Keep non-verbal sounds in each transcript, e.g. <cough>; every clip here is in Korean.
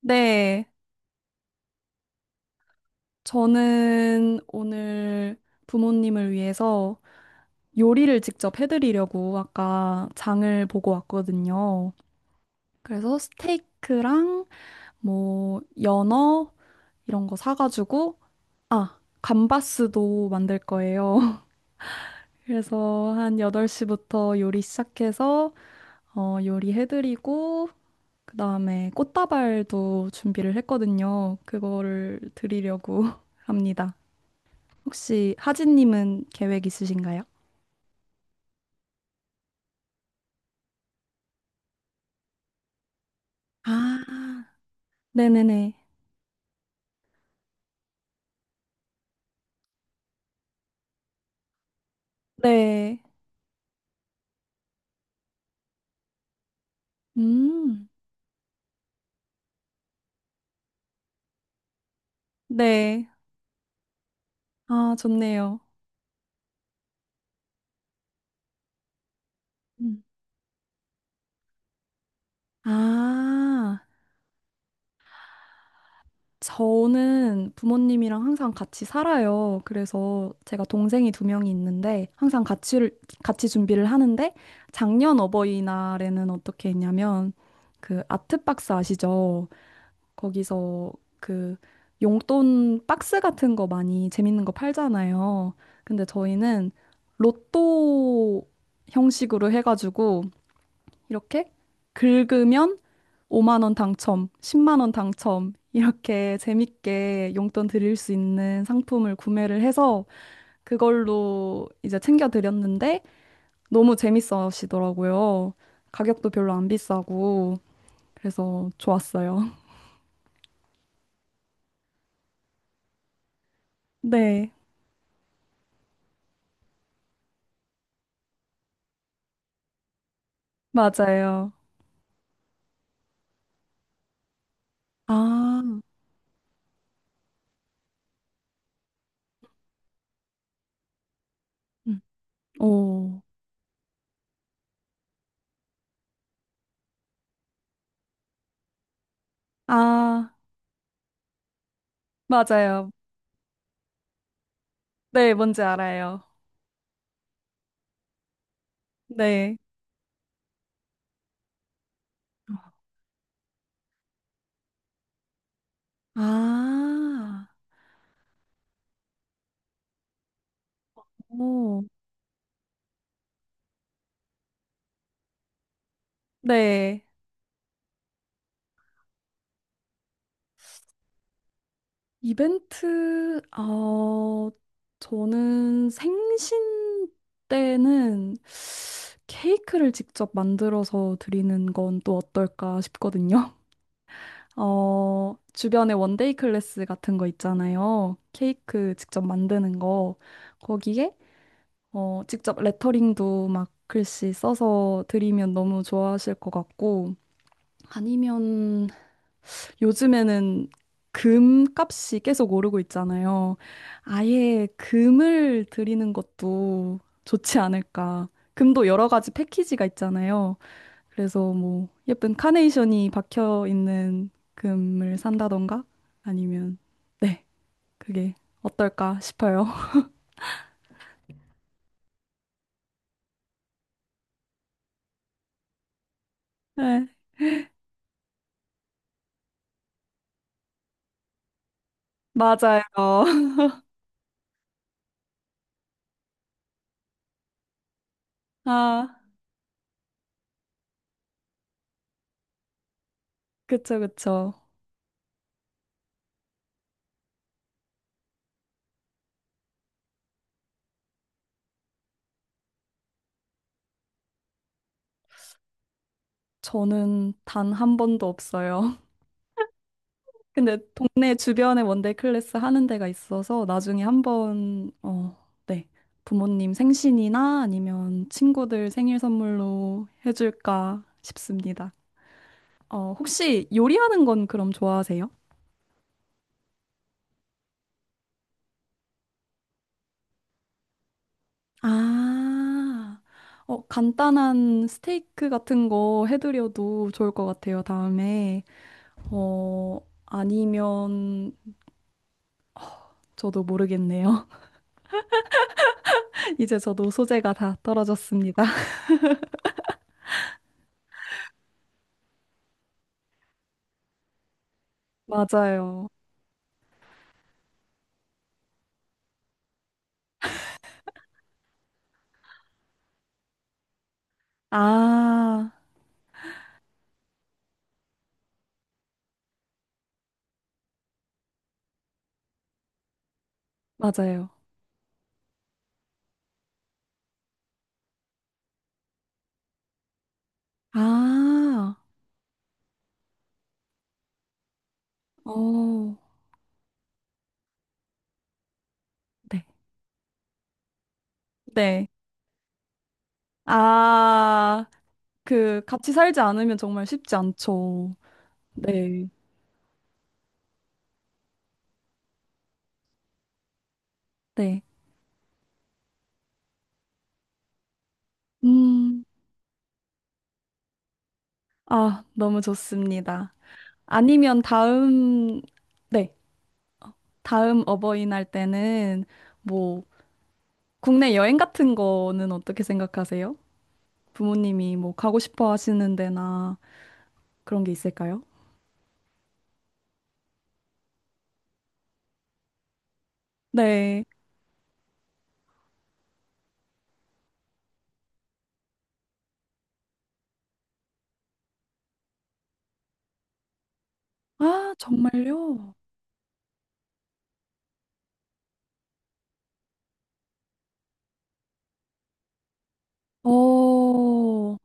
네, 저는 오늘 부모님을 위해서 요리를 직접 해드리려고 아까 장을 보고 왔거든요. 그래서 스테이크랑 뭐 연어 이런 거 사가지고, 아, 감바스도 만들 거예요. <laughs> 그래서 한 8시부터 요리 시작해서 요리 해드리고, 그 다음에 꽃다발도 준비를 했거든요. 그거를 드리려고 <laughs> 합니다. 혹시 하진님은 계획 있으신가요? 아, 네네네. 네. 음, 네. 아, 좋네요. 음. 아, 저는 부모님이랑 항상 같이 살아요. 그래서 제가 동생이 두 명이 있는데 항상 같이, 같이 준비를 하는데 작년 어버이날에는 어떻게 했냐면 그 아트박스 아시죠? 거기서 그 용돈 박스 같은 거 많이 재밌는 거 팔잖아요. 근데 저희는 로또 형식으로 해가지고 이렇게 긁으면 5만 원 당첨, 10만 원 당첨 이렇게 재밌게 용돈 드릴 수 있는 상품을 구매를 해서 그걸로 이제 챙겨 드렸는데 너무 재밌어 하시더라고요. 가격도 별로 안 비싸고 그래서 좋았어요. <laughs> 네, 맞아요. 아, 음. 오. 아, 맞아요. 네, 뭔지 알아요. 네. 아, 오. 네. 이벤트, 저는 생신 때는 케이크를 직접 만들어서 드리는 건 또 어떨까 싶거든요. <laughs> 어, 주변에 원데이 클래스 같은 거 있잖아요. 케이크 직접 만드는 거. 거기에 직접 레터링도 막 글씨 써서 드리면 너무 좋아하실 것 같고, 아니면 요즘에는 금 값이 계속 오르고 있잖아요. 아예 금을 드리는 것도 좋지 않을까. 금도 여러 가지 패키지가 있잖아요. 그래서 뭐 예쁜 카네이션이 박혀 있는 금을 산다던가 아니면 네, 그게 어떨까 싶어요. <laughs> 네, 맞아요. <laughs> 아. 그쵸, 그쵸. 저는 단 한 번도 없어요. <laughs> 근데 동네 주변에 원데이 클래스 하는 데가 있어서 나중에 한번, 어, 네. 부모님 생신이나 아니면 친구들 생일 선물로 해줄까 싶습니다. 어, 혹시 요리하는 건 그럼 좋아하세요? 아, 어, 간단한 스테이크 같은 거 해드려도 좋을 것 같아요, 다음에. 어, 아니면 저도 모르겠네요. 이제 저도 소재가 다 떨어졌습니다. <laughs> 맞아요. 아, 맞아요. 아, 어, 네. 네. 아, 그, 같이 살지 않으면 정말 쉽지 않죠. 네. 네. 음, 아, 너무 좋습니다. 아니면 다음, 네. 다음 어버이날 때는 뭐, 국내 여행 같은 거는 어떻게 생각하세요? 부모님이 뭐, 가고 싶어 하시는 데나 그런 게 있을까요? 네. 아, 정말요? 어,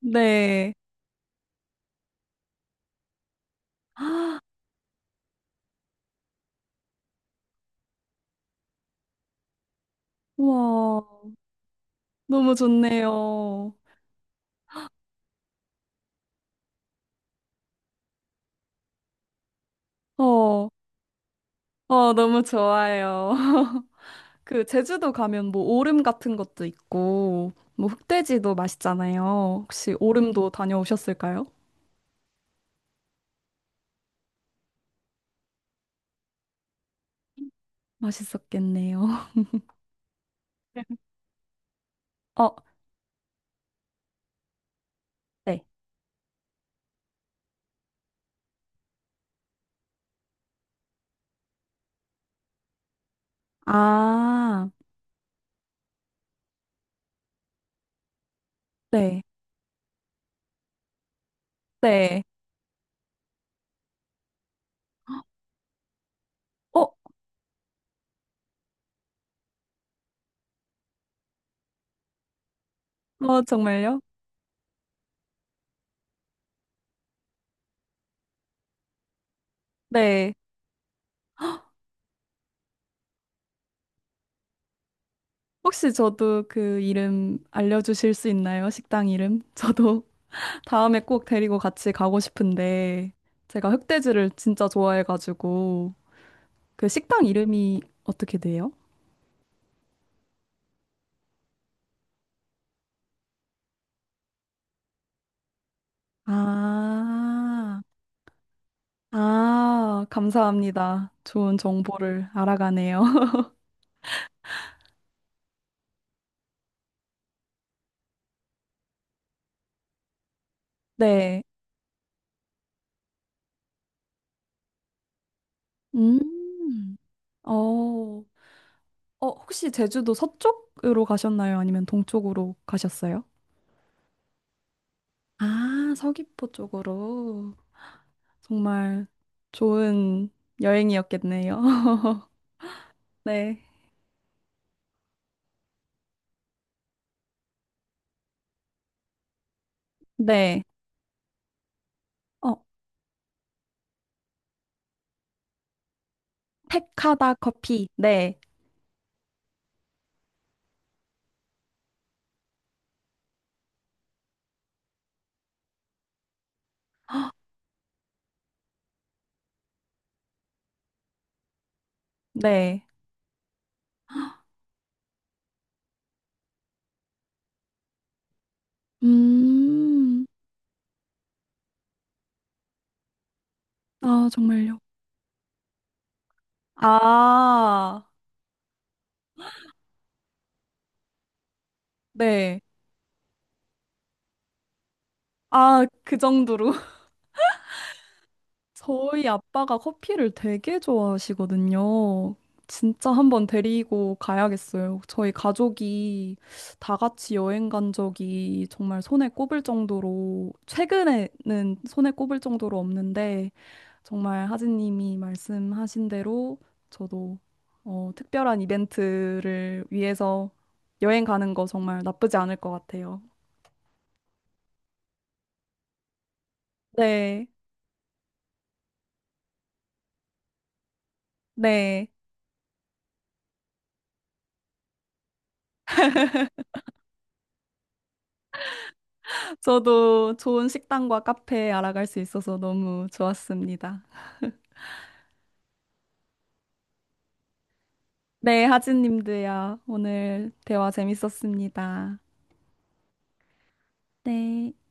네. 아, 와, 너무 좋네요. 어, 어, 너무 좋아요. <laughs> 그, 제주도 가면 뭐 오름 같은 것도 있고, 뭐 흑돼지도 맛있잖아요. 혹시 오름도 다녀오셨을까요? 맛있었겠네요. <laughs> 어, 네. 아, 네. 네. 어, 어, 정말요? 네. 혹시 저도 그 이름 알려주실 수 있나요? 식당 이름? <laughs> 저도 다음에 꼭 데리고 같이 가고 싶은데 제가 흑돼지를 진짜 좋아해가지고 그 식당 이름이 어떻게 돼요? 아, 아, 감사합니다. 좋은 정보를 알아가네요. <laughs> 네. 음. 어, 어, 혹시 제주도 서쪽으로 가셨나요? 아니면 동쪽으로 가셨어요? 아, 서귀포 쪽으로. 정말 좋은 여행이었겠네요. <laughs> 네. 네. 어 택하다 커피. 네, 네. 음, 아, 정말요. 아, 네. 아, 그 정도로. <laughs> 저희 아빠가 커피를 되게 좋아하시거든요. 진짜 한번 데리고 가야겠어요. 저희 가족이 다 같이 여행 간 적이 정말 손에 꼽을 정도로, 최근에는 손에 꼽을 정도로 없는데, 정말 하진님이 말씀하신 대로 저도 어, 특별한 이벤트를 위해서 여행 가는 거 정말 나쁘지 않을 것 같아요. 네, 네. 저도 좋은 식당과 카페 알아갈 수 있어서 너무 좋았습니다. 네, 하진님도요. 오늘 대화 재밌었습니다. 네.